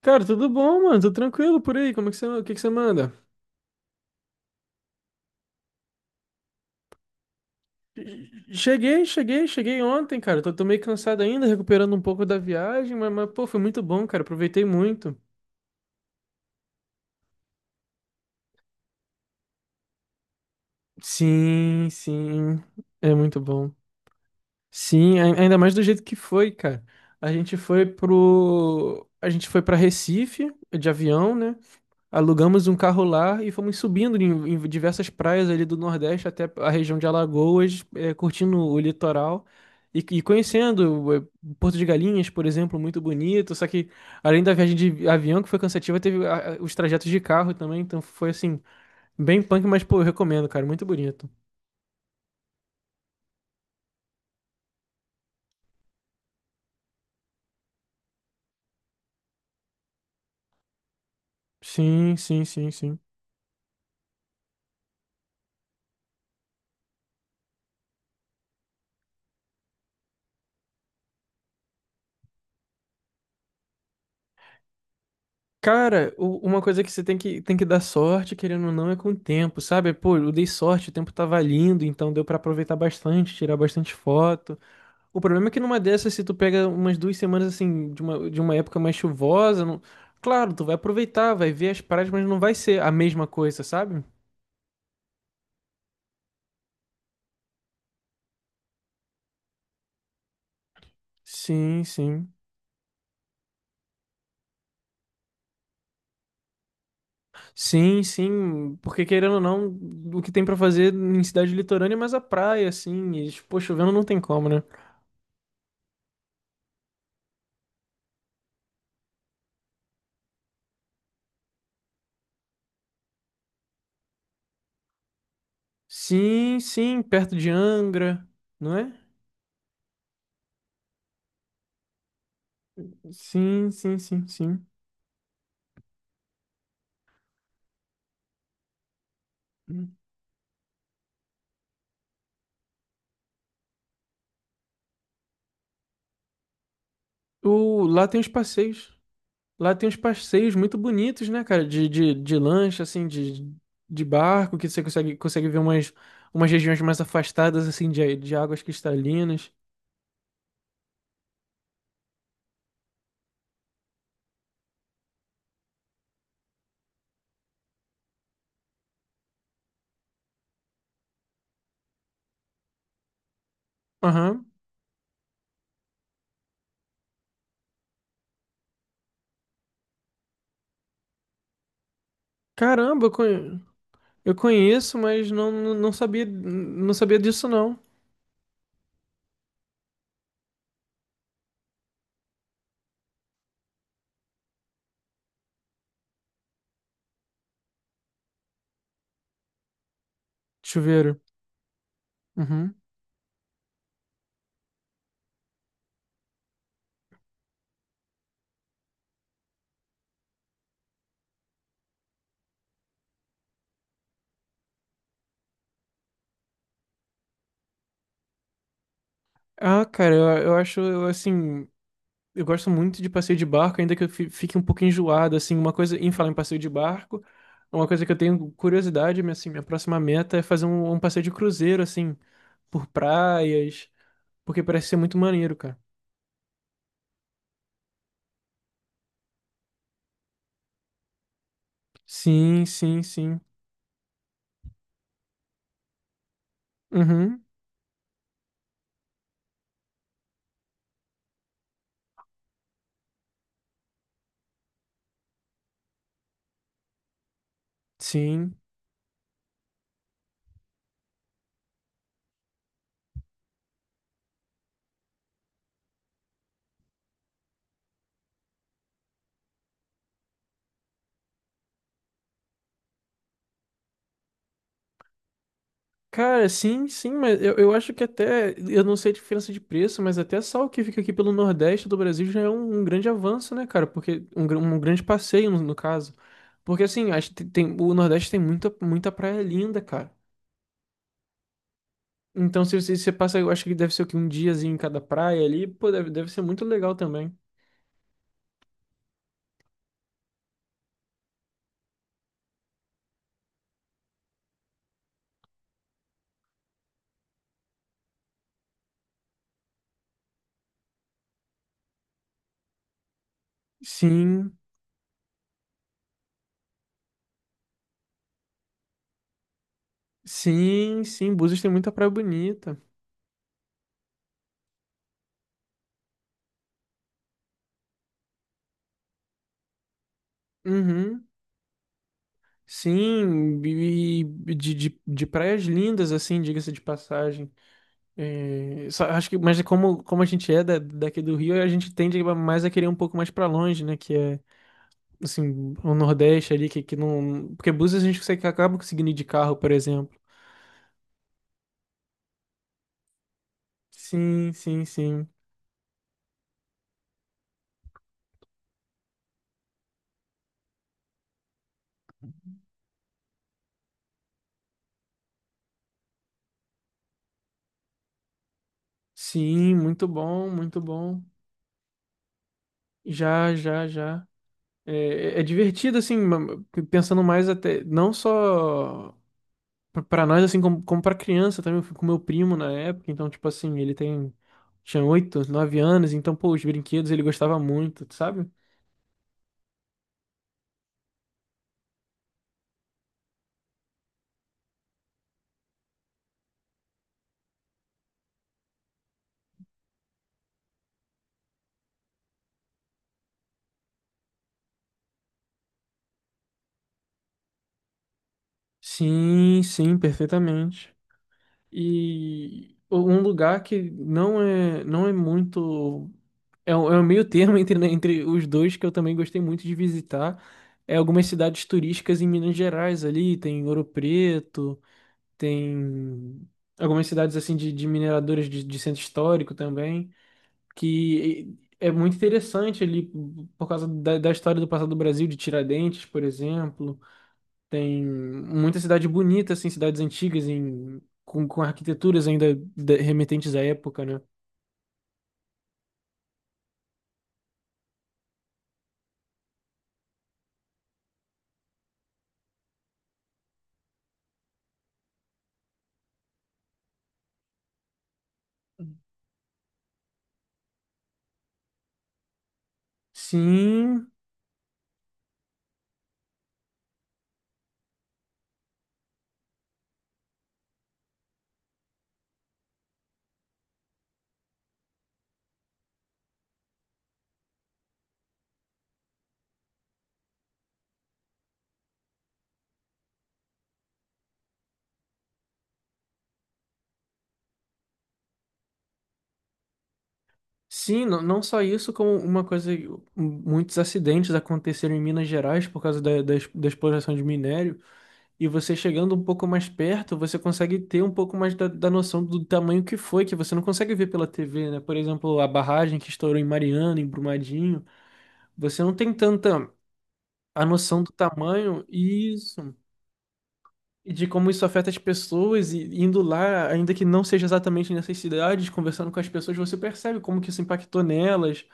Cara, tudo bom, mano? Tô tranquilo por aí. Como é que você, o que que você manda? Cheguei ontem, cara. Tô meio cansado ainda, recuperando um pouco da viagem, mas, pô, foi muito bom, cara. Aproveitei muito. Sim, sim. É muito bom. Sim, ainda mais do jeito que foi, cara. A gente foi pro. A gente foi pra Recife de avião, né? Alugamos um carro lá e fomos subindo em diversas praias ali do Nordeste até a região de Alagoas, curtindo o litoral e conhecendo Porto de Galinhas, por exemplo, muito bonito. Só que além da viagem de avião, que foi cansativa, teve os trajetos de carro também. Então foi assim, bem punk, mas pô, eu recomendo, cara, muito bonito. Sim, sim, sim, sim. Cara, uma coisa que você tem que dar sorte, querendo ou não, é com o tempo, sabe? Pô, eu dei sorte, o tempo tava lindo, então deu pra aproveitar bastante, tirar bastante foto. O problema é que numa dessas, se tu pega umas duas semanas assim, de uma época mais chuvosa, claro, tu vai aproveitar, vai ver as praias, mas não vai ser a mesma coisa, sabe? Sim, sim. Sim, sim, porque querendo ou não, o que tem pra fazer em cidade litorânea é mais a praia, assim, e, pô, chovendo não tem como, né? Sim, sim, perto de Angra, não é? Sim, sim, sim, sim. O, lá tem os passeios. Lá tem uns passeios muito bonitos, né, cara? De lancha, assim, de barco, que você consegue ver umas, umas regiões mais afastadas, assim, de águas cristalinas. Aham. Caramba, eu conheço, mas não, não sabia, não sabia disso, não. Chuveiro. Uhum. Ah, cara, eu acho, eu, assim, eu gosto muito de passeio de barco, ainda que eu fique um pouco enjoado, assim, uma coisa, em falar em passeio de barco, uma coisa que eu tenho curiosidade, assim, minha próxima meta é fazer um passeio de cruzeiro, assim, por praias, porque parece ser muito maneiro, cara. Sim, sim, sim. Uhum, sim. Cara, sim, sim, mas eu acho que até, eu não sei a diferença de preço, mas até sal que fica aqui pelo Nordeste do Brasil já é um grande avanço, né, cara? Porque um, um grande passeio, no caso. Porque assim, acho que tem, o Nordeste tem muita, muita praia linda, cara. Então, se você, você passa, eu acho que deve ser o quê? Um diazinho em cada praia ali, pô, deve, deve ser muito legal também. Sim, sim, sim, Búzios tem muita praia bonita. Uhum. Sim, e de praias lindas, assim, diga-se de passagem. É, só acho que, mas é como, como a gente é daqui do Rio, a gente tende mais a querer um pouco mais pra longe, né? Que é, assim, o Nordeste ali, que não. Porque Búzios a gente consegue, acaba conseguindo ir de carro, por exemplo. Sim, sim, sim. Sim, muito bom, muito bom. Já, já, já. É, é divertido, assim, pensando mais até. Não só pra nós, assim, como, como pra criança também, eu fui com meu primo na época, então, tipo assim, tinha oito, nove anos, então, pô, os brinquedos ele gostava muito, sabe? Sim, sim, perfeitamente. E um lugar que não é, não é muito. É um meio termo entre, né, entre os dois que eu também gostei muito de visitar. É algumas cidades turísticas em Minas Gerais ali, tem Ouro Preto, tem algumas cidades assim de mineradores de centro histórico também, que é muito interessante ali por causa da história do passado do Brasil, de Tiradentes, por exemplo. Tem muita cidade bonita, assim, cidades antigas em, com arquiteturas ainda remetentes à época, né? Sim, sim, não, não só isso, como uma coisa, muitos acidentes aconteceram em Minas Gerais por causa da exploração de minério. E você chegando um pouco mais perto, você consegue ter um pouco mais da noção do tamanho que foi, que você não consegue ver pela TV, né? Por exemplo, a barragem que estourou em Mariana, em Brumadinho, você não tem tanta a noção do tamanho isso e de como isso afeta as pessoas, e indo lá, ainda que não seja exatamente nessas cidades, conversando com as pessoas, você percebe como que isso impactou nelas,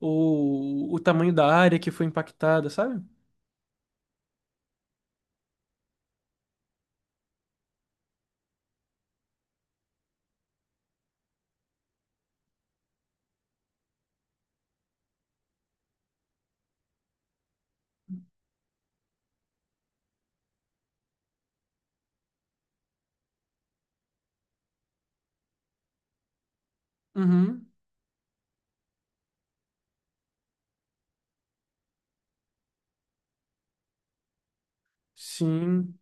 ou o tamanho da área que foi impactada, sabe? Uhum. Sim.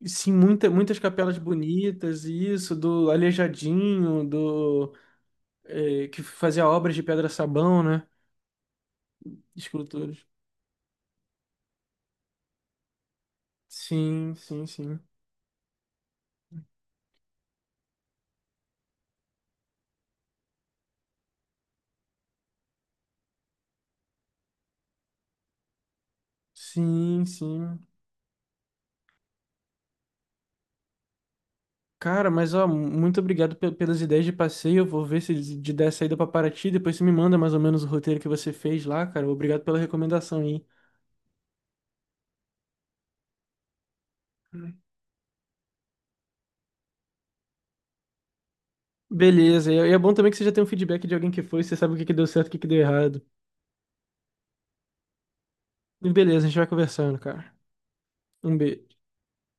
E sim, muita, muitas capelas bonitas, e isso, do Aleijadinho, do, que fazia obras de pedra-sabão, né? Esculturas. Sim, sim, sim. Sim, sim. Cara, mas ó, muito obrigado pelas ideias de passeio. Eu vou ver se de der saída pra Paraty. Depois você me manda mais ou menos o roteiro que você fez lá, cara. Obrigado pela recomendação aí. Beleza. É é bom também que você já tem um feedback de alguém que foi, você sabe o que que deu certo, o que que deu errado. E beleza, a gente vai conversando, cara. Um beijo.